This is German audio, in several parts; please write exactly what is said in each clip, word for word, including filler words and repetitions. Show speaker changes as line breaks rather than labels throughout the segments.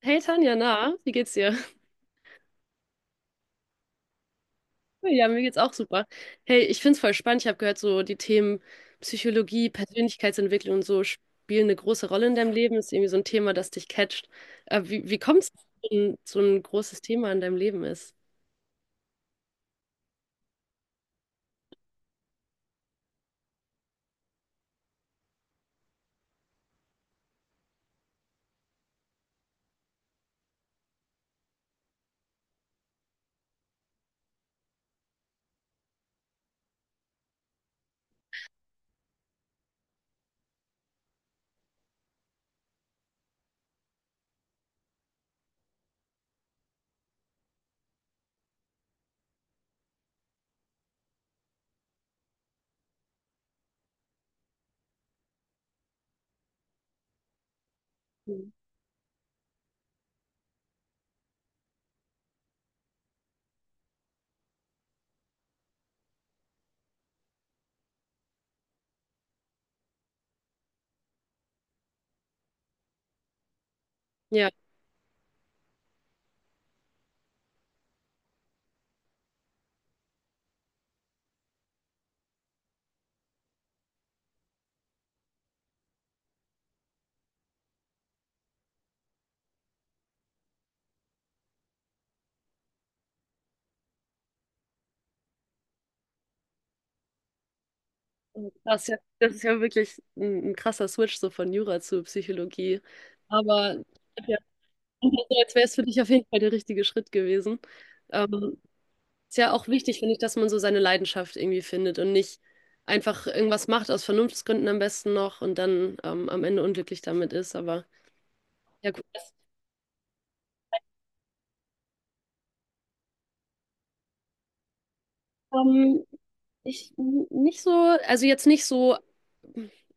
Hey Tanja, na, wie geht's dir? Ja, mir geht's auch super. Hey, ich find's voll spannend. Ich habe gehört, so die Themen Psychologie, Persönlichkeitsentwicklung und so spielen eine große Rolle in deinem Leben. Ist irgendwie so ein Thema, das dich catcht. Äh, wie wie kommt's, dass so ein, so ein großes Thema in deinem Leben ist? Mhm. Ja, das ist ja, das ist ja wirklich ein, ein krasser Switch so von Jura zu Psychologie. Aber ja, also jetzt wäre es für dich auf jeden Fall der richtige Schritt gewesen. Ähm, Ist ja auch wichtig, finde ich, dass man so seine Leidenschaft irgendwie findet und nicht einfach irgendwas macht, aus Vernunftsgründen am besten noch und dann ähm, am Ende unglücklich damit ist. Aber ja, gut. Das, ähm, ich n- nicht so, also jetzt nicht so,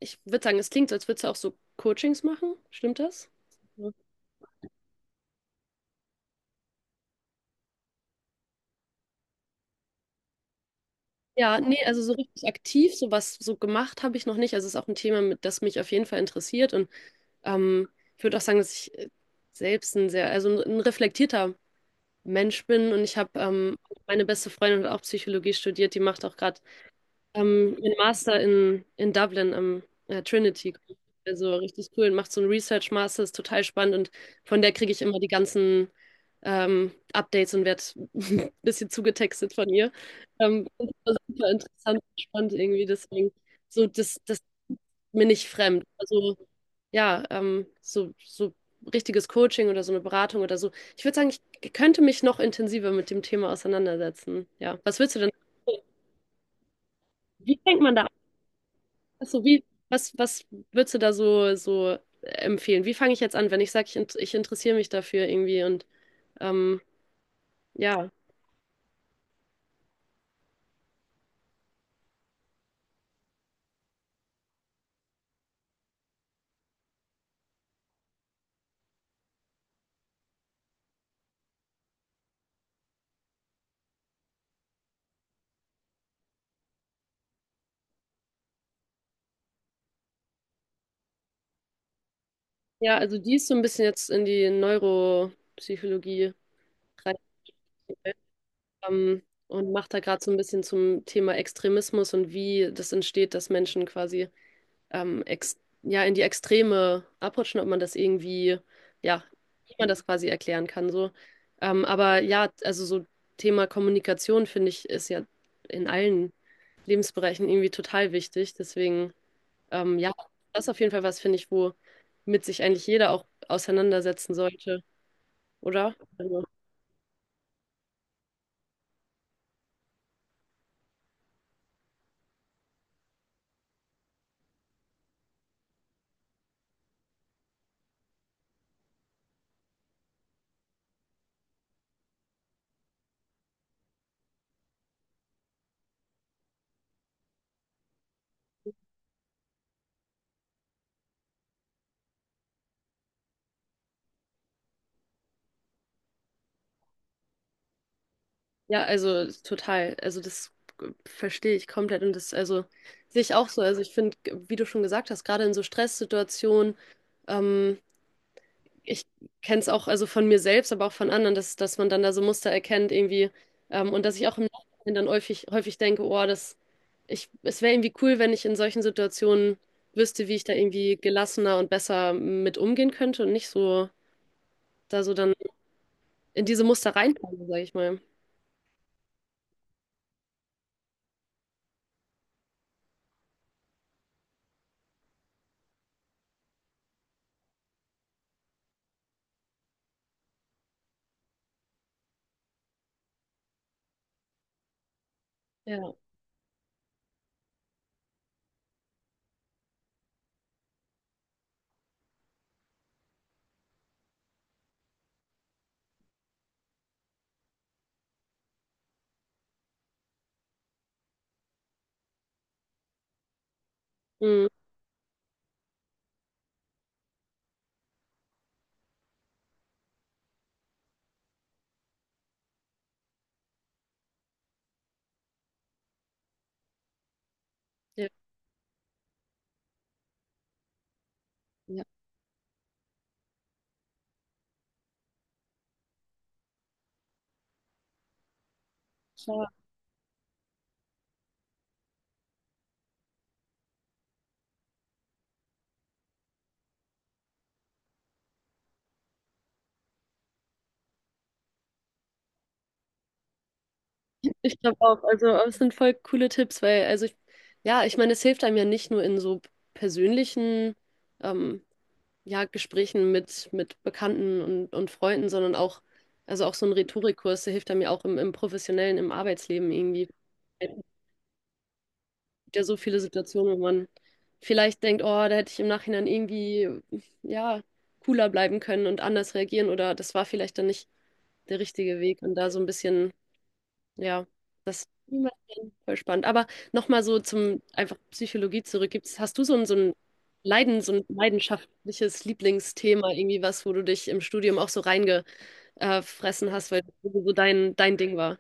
ich würde sagen, es klingt so, als würdest du auch so Coachings machen. Stimmt das? Ja. Ja, nee, also so richtig aktiv, sowas so gemacht habe ich noch nicht. Also es ist auch ein Thema, mit, das mich auf jeden Fall interessiert. Und ähm, ich würde auch sagen, dass ich äh, selbst ein sehr, also ein, ein reflektierter Mensch bin. Und ich habe ähm, meine beste Freundin hat auch Psychologie studiert, die macht auch gerade ähm, ihren Master in, in Dublin am äh, Trinity. Also richtig cool und macht so einen Research Master, ist total spannend und von der kriege ich immer die ganzen ähm, Updates und werde ein bisschen zugetextet von ihr. Ähm, das war super interessant und spannend irgendwie, deswegen so, das, das ist mir nicht fremd. Also ja, ähm, so, so richtiges Coaching oder so eine Beratung oder so. Ich würde sagen, ich könnte mich noch intensiver mit dem Thema auseinandersetzen. Ja, was würdest du denn? Wie fängt man da an? Also wie, was, was würdest du da so, so empfehlen? Wie fange ich jetzt an, wenn ich sage, ich, int- ich interessiere mich dafür irgendwie und ähm, ja. Ja, also die ist so ein bisschen jetzt in die Neuropsychologie rein, ähm, und macht da gerade so ein bisschen zum Thema Extremismus und wie das entsteht, dass Menschen quasi ähm, ex ja, in die Extreme abrutschen, ob man das irgendwie, ja, wie man das quasi erklären kann, so. Ähm, aber ja, also so Thema Kommunikation, finde ich, ist ja in allen Lebensbereichen irgendwie total wichtig. Deswegen, ähm, ja, das ist auf jeden Fall was, finde ich, wo mit sich eigentlich jeder auch auseinandersetzen sollte, oder? Also ja, also total. Also das verstehe ich komplett und das, also sehe ich auch so. Also ich finde, wie du schon gesagt hast, gerade in so Stresssituationen, ähm, ich kenne es auch, also von mir selbst, aber auch von anderen, dass, dass man dann da so Muster erkennt irgendwie, ähm, und dass ich auch im Nachhinein dann häufig, häufig denke, oh, das, ich, es wäre irgendwie cool, wenn ich in solchen Situationen wüsste, wie ich da irgendwie gelassener und besser mit umgehen könnte und nicht so da so dann in diese Muster reinfalle, sage ich mal. Ja. Mhm. Ja. Ja. Ich glaube auch. Also, aber es sind voll coole Tipps, weil, also, ich, ja, ich meine, es hilft einem ja nicht nur in so persönlichen, ähm, ja, Gesprächen mit, mit Bekannten und, und Freunden, sondern auch, also auch so ein Rhetorikkurs, der hilft einem ja auch im, im professionellen, im Arbeitsleben irgendwie. Es gibt ja so viele Situationen, wo man vielleicht denkt, oh, da hätte ich im Nachhinein irgendwie, ja, cooler bleiben können und anders reagieren oder das war vielleicht dann nicht der richtige Weg und da so ein bisschen. Ja, das niemals voll spannend. Aber nochmal so zum einfach Psychologie zurück. Gibt's, hast du so ein, so ein Leiden, so ein leidenschaftliches Lieblingsthema, irgendwie was, wo du dich im Studium auch so reingefressen hast, weil das so dein, dein Ding war?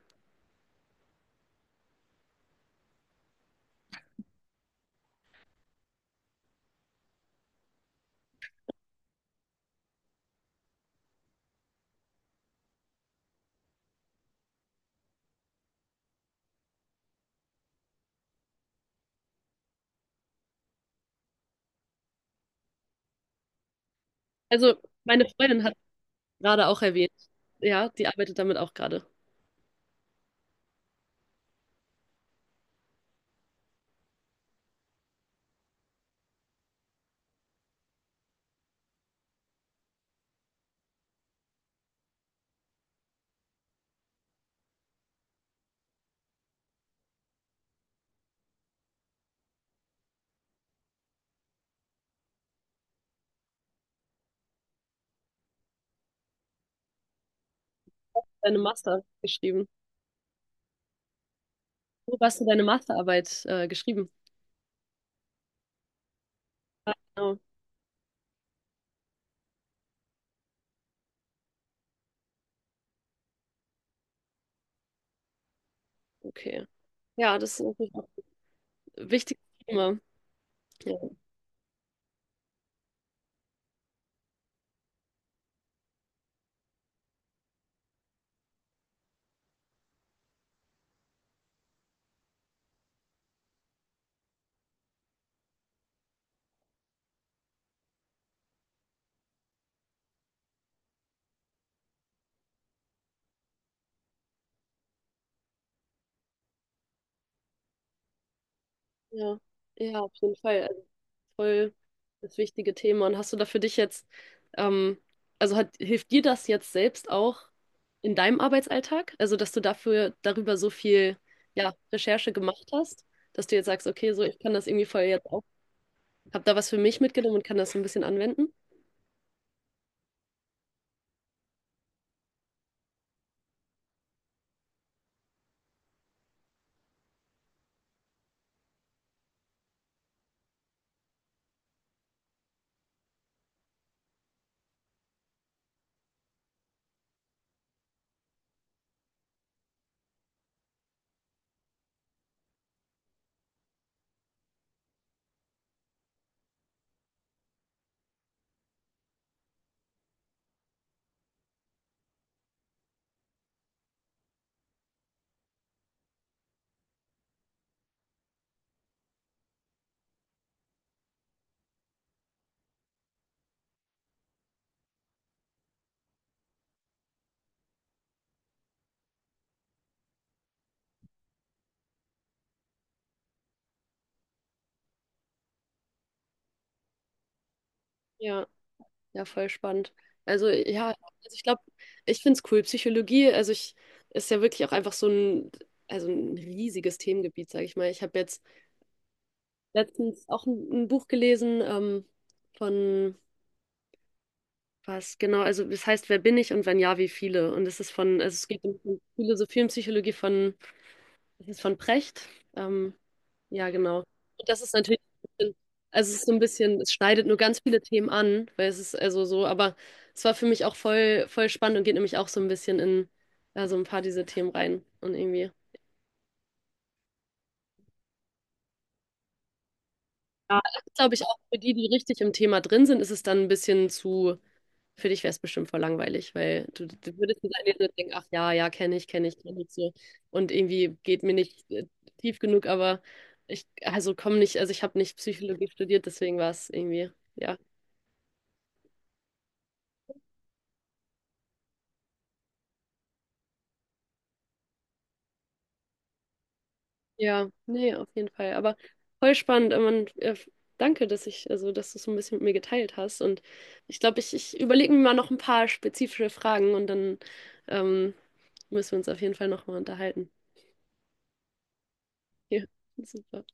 Also, meine Freundin hat gerade auch erwähnt, ja, die arbeitet damit auch gerade. Deine Master geschrieben. Wo hast du deine Masterarbeit äh, geschrieben? Ah, genau, okay. Ja, das ist natürlich auch ein wichtiges Thema. Ja. Ja, ja, auf jeden Fall. Also voll das wichtige Thema. Und hast du da für dich jetzt, ähm, also hat, hilft dir das jetzt selbst auch in deinem Arbeitsalltag? Also, dass du dafür darüber so viel, ja, Recherche gemacht hast, dass du jetzt sagst, okay, so ich kann das irgendwie voll jetzt auch, hab da was für mich mitgenommen und kann das so ein bisschen anwenden? Ja, ja, voll spannend. Also ja, also ich glaube, ich finde es cool. Psychologie, also ich ist ja wirklich auch einfach so ein, also ein riesiges Themengebiet, sage ich mal. Ich habe jetzt letztens auch ein, ein Buch gelesen, ähm, von was genau, also es heißt Wer bin ich und wenn ja, wie viele? Und es ist von, also es geht um um Philosophie und Psychologie von, es ist von Precht. Ähm, ja, genau. Und das ist natürlich ein bisschen- also es ist so ein bisschen, es schneidet nur ganz viele Themen an, weil es ist also so, aber es war für mich auch voll, voll spannend und geht nämlich auch so ein bisschen in ja, so ein paar dieser Themen rein und irgendwie. Ja, glaube ich, auch für die, die richtig im Thema drin sind, ist es dann ein bisschen zu. Für dich wäre es bestimmt voll langweilig, weil du, du würdest nicht einlesen und denken, ach ja, ja, kenne ich, kenne ich, kenne ich so. Und irgendwie geht mir nicht äh, tief genug, aber ich, also komme nicht, also ich habe nicht Psychologie studiert, deswegen war es irgendwie, ja. Ja, nee, auf jeden Fall. Aber voll spannend. äh, Man, äh, danke, dass ich, also dass du es so ein bisschen mit mir geteilt hast. Und ich glaube, ich, ich überlege mir mal noch ein paar spezifische Fragen und dann ähm, müssen wir uns auf jeden Fall nochmal unterhalten. Ja, super.